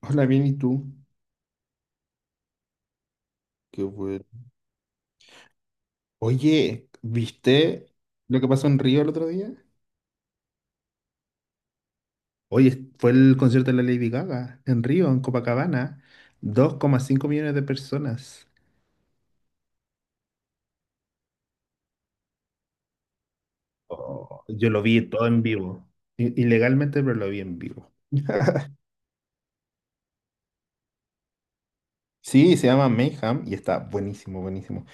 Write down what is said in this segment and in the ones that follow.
Hola, bien, ¿y tú? Qué bueno. Oye, ¿viste lo que pasó en Río el otro día? Oye, fue el concierto de la Lady Gaga en Río, en Copacabana. 2,5 millones de personas. Oh, yo lo vi todo en vivo. Ilegalmente, pero lo vi en vivo. Sí, se llama Mayhem y está buenísimo, buenísimo.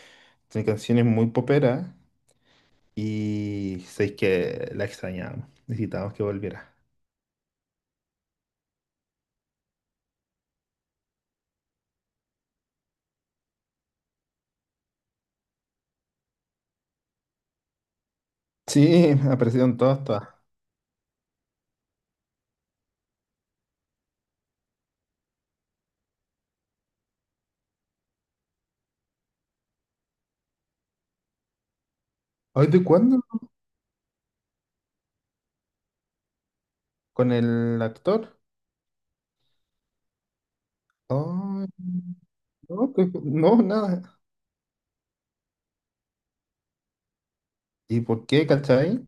Tiene canciones muy poperas y sé que la extrañamos. Necesitábamos que volviera. Sí, aparecieron todas, todas. ¿Hoy de cuándo? Con el actor. Ay, no, no, nada. ¿Y por qué, cachai?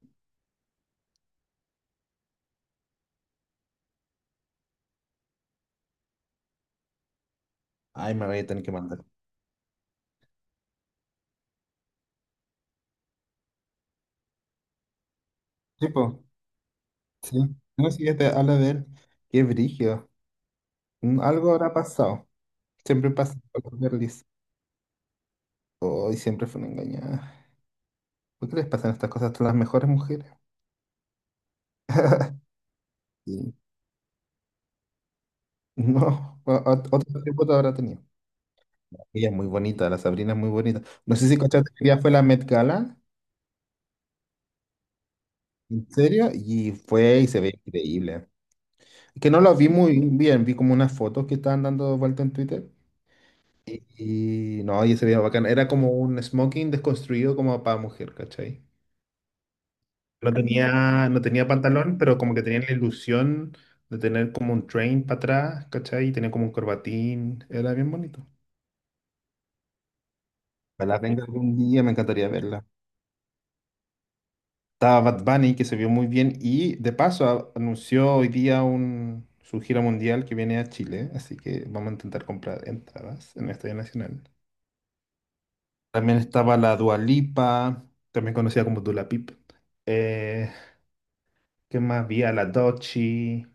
Ay, me voy a tener que mandar. Tipo, sí, po, sí. No, sí, ya te habla de él. Qué brígido. Algo habrá pasado. Siempre pasa con las girlies. Hoy siempre fueron engañadas. ¿Por qué les pasan estas cosas a las mejores mujeres? Sí. No, otro tipo te habrá tenido. Ella es muy bonita, la Sabrina es muy bonita. No sé si cachaste que ella fue la Met Gala, en serio, y fue y se ve increíble. Que no lo vi muy bien, vi como unas fotos que estaban dando vuelta en Twitter. Y, y no, y se veía bacán. Era como un smoking desconstruido como para mujer, ¿cachai? No tenía pantalón, pero como que tenía la ilusión de tener como un train para atrás, ¿cachai? Y tenía como un corbatín. Era bien bonito. Ojalá venga algún día, me encantaría verla. Estaba Bad Bunny, que se vio muy bien. Y de paso anunció hoy día su gira mundial que viene a Chile. Así que vamos a intentar comprar entradas en el Estadio Nacional. También estaba la Dualipa, también conocida como Dula Pip. Eh, ¿Qué más había? La Dochi.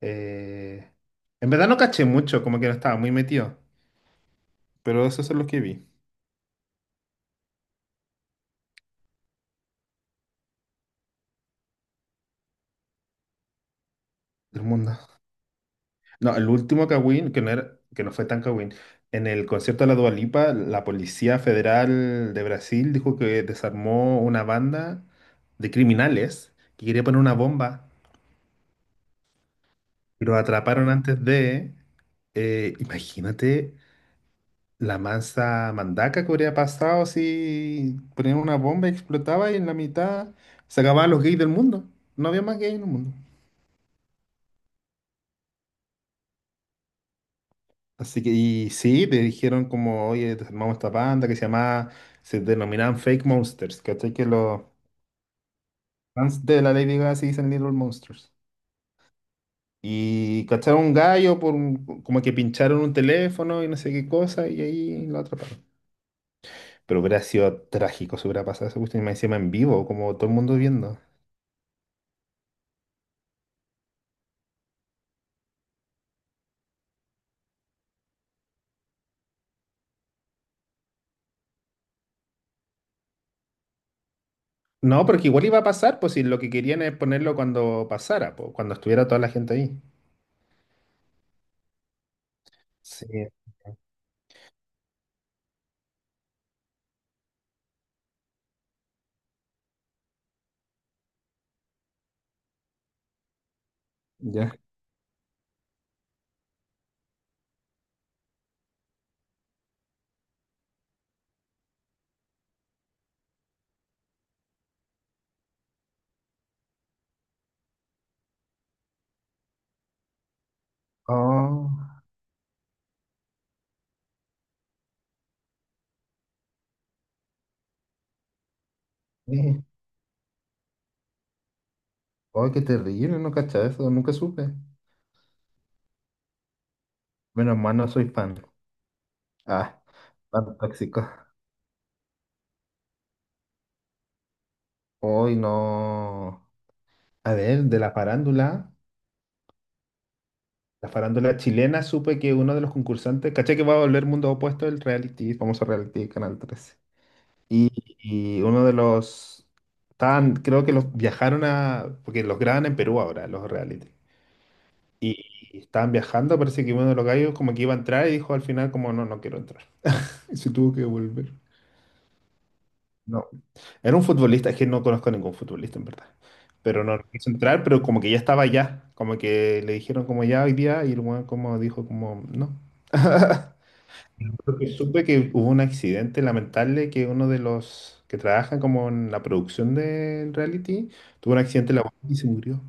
eh, En verdad no caché mucho, como que no estaba muy metido. Pero esos son los que vi del mundo. No, el último Kawin, que no fue tan Kawin. En el concierto de la Dualipa, la Policía Federal de Brasil dijo que desarmó una banda de criminales que quería poner una bomba. Y los atraparon antes de. Imagínate la masa mandaca que habría pasado si ponían una bomba y explotaba y en la mitad se acababan los gays del mundo. No había más gays en el mundo. Así que, y sí, te dijeron como, oye, armamos esta banda se denominaban Fake Monsters, ¿cachai? Que los fans de la Lady Gaga se dicen Little Monsters. Y cacharon un gallo como que pincharon un teléfono y no sé qué cosa y ahí lo atraparon. Pero hubiera sido trágico si hubiera pasado esa cuestión y más encima en vivo, como todo el mundo viendo. No, porque igual iba a pasar, pues si lo que querían es ponerlo cuando pasara, pues, cuando estuviera toda la gente ahí. Sí. Ya. Oh, eh. Oh, qué terrible, no cacha eso, nunca supe. Menos mal no soy fan. Ah, fan tóxico. Hoy no. A ver, de la farándula chilena, supe que uno de los concursantes, caché que va a volver Mundo Opuesto el reality, famoso reality de Canal 13. Y, y uno de los... Estaban, creo que los viajaron a... Porque los graban en Perú ahora, los reality. Y, y estaban viajando, parece que uno de los gallos como que iba a entrar y dijo al final como no, no quiero entrar. Y se tuvo que volver. No. Era un futbolista, es que no conozco a ningún futbolista en verdad. Pero no quiso entrar, pero como que ya estaba ya. Como que le dijeron como ya hoy día y el weón como dijo como no. Porque supe que hubo un accidente lamentable que uno de los que trabajan como en la producción del reality tuvo un accidente laboral y se murió.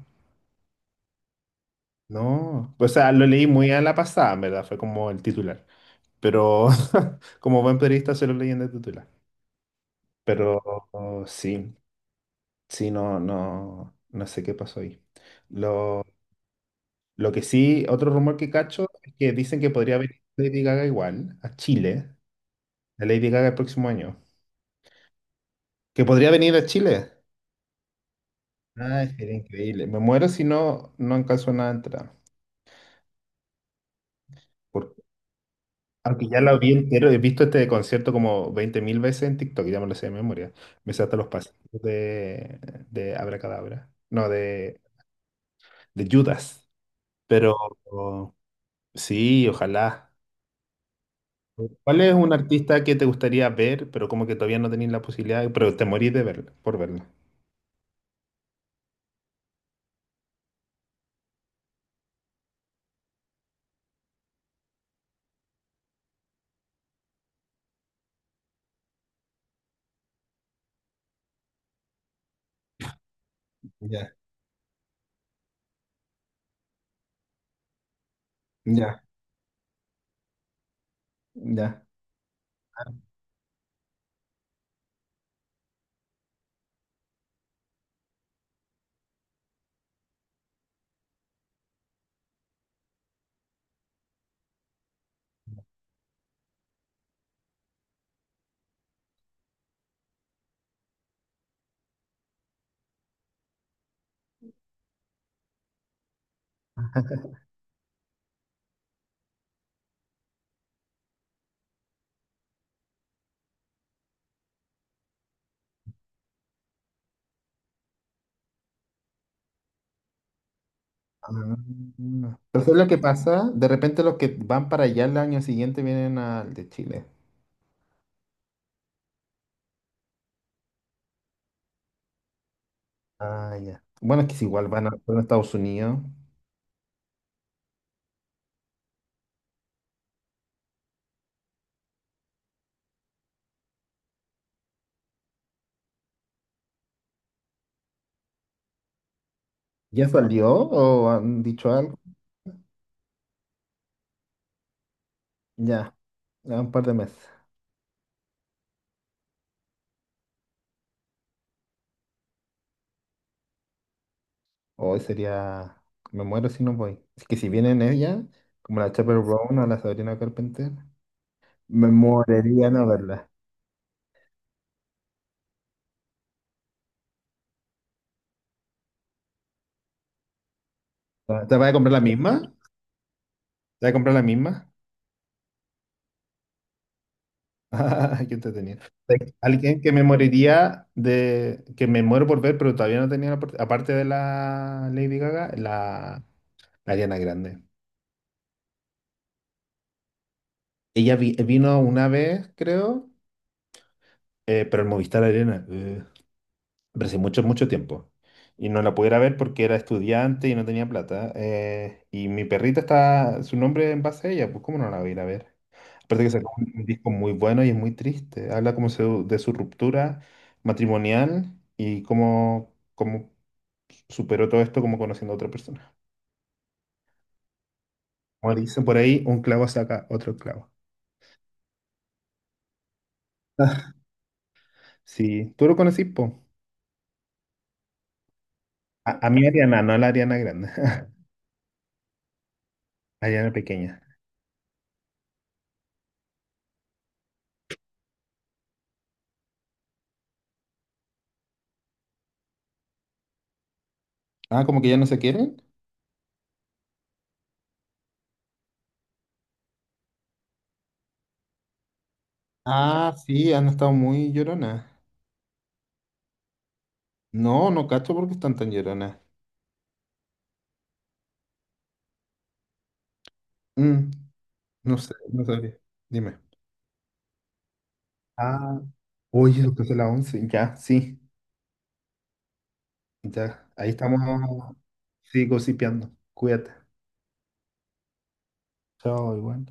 No, o sea, lo leí muy a la pasada, en verdad, fue como el titular. Pero como buen periodista se lo leí en el titular. Pero oh, sí, sí, no, no, no sé qué pasó ahí. Lo, lo que sí, otro rumor que cacho es que dicen que podría venir Lady Gaga igual a Chile, la Lady Gaga el próximo año. Que podría venir a Chile. Ah, sería increíble. Me muero si no, no alcanzo nada a entrar. Por- Aunque ya la vi entero, he visto este concierto como 20.000 veces en TikTok, ya me lo sé de memoria. Me sé hasta los pasos de Abracadabra. No, de Judas. Pero sí, ojalá. ¿Cuál es un artista que te gustaría ver, pero como que todavía no tenés la posibilidad, pero te morís por verlo? Ya, ya, ya. Ah, pero ¿sabes lo que pasa? De repente los que van para allá el año siguiente vienen al de Chile. Ah, ya. Bueno, es que es igual, van a Estados Unidos. ¿Ya salió o han dicho algo? Ya, a un par de meses. Hoy sería... Me muero si no voy. Es que si vienen ella, como la Chappell Brown o la Sabrina Carpenter, me moriría no verla. ¿Te vas a comprar la misma? ¿Te vas a comprar la misma? Ah, qué entretenido. Alguien que me moriría de que me muero por ver, pero todavía no tenía la oportunidad, aparte de la Lady Gaga, la Ariana Grande. Ella vino una vez, creo, pero el Movistar Arena, pero hace mucho, mucho tiempo. Y no la pudiera ver porque era estudiante y no tenía plata. Y mi perrita está, su nombre en base a ella, pues ¿cómo no la voy a ir a ver? Aparte que sacó un disco muy bueno y es muy triste. Habla como de su ruptura matrimonial y cómo superó todo esto como conociendo a otra persona. Como dicen por ahí, un clavo saca otro clavo. Sí, tú lo conocí, po. A mí Ariana, no a la Ariana grande. Ariana pequeña. Ah, como que ya no se quieren. Ah, sí, han estado muy lloronas. No, no cacho porque están tan lloronas. Mm, no sé, no sabía. Dime. Ah, oye, después de la 11, ya, sí. Ya, ahí estamos, sí, gossipeando. Cuídate. Chao, igual.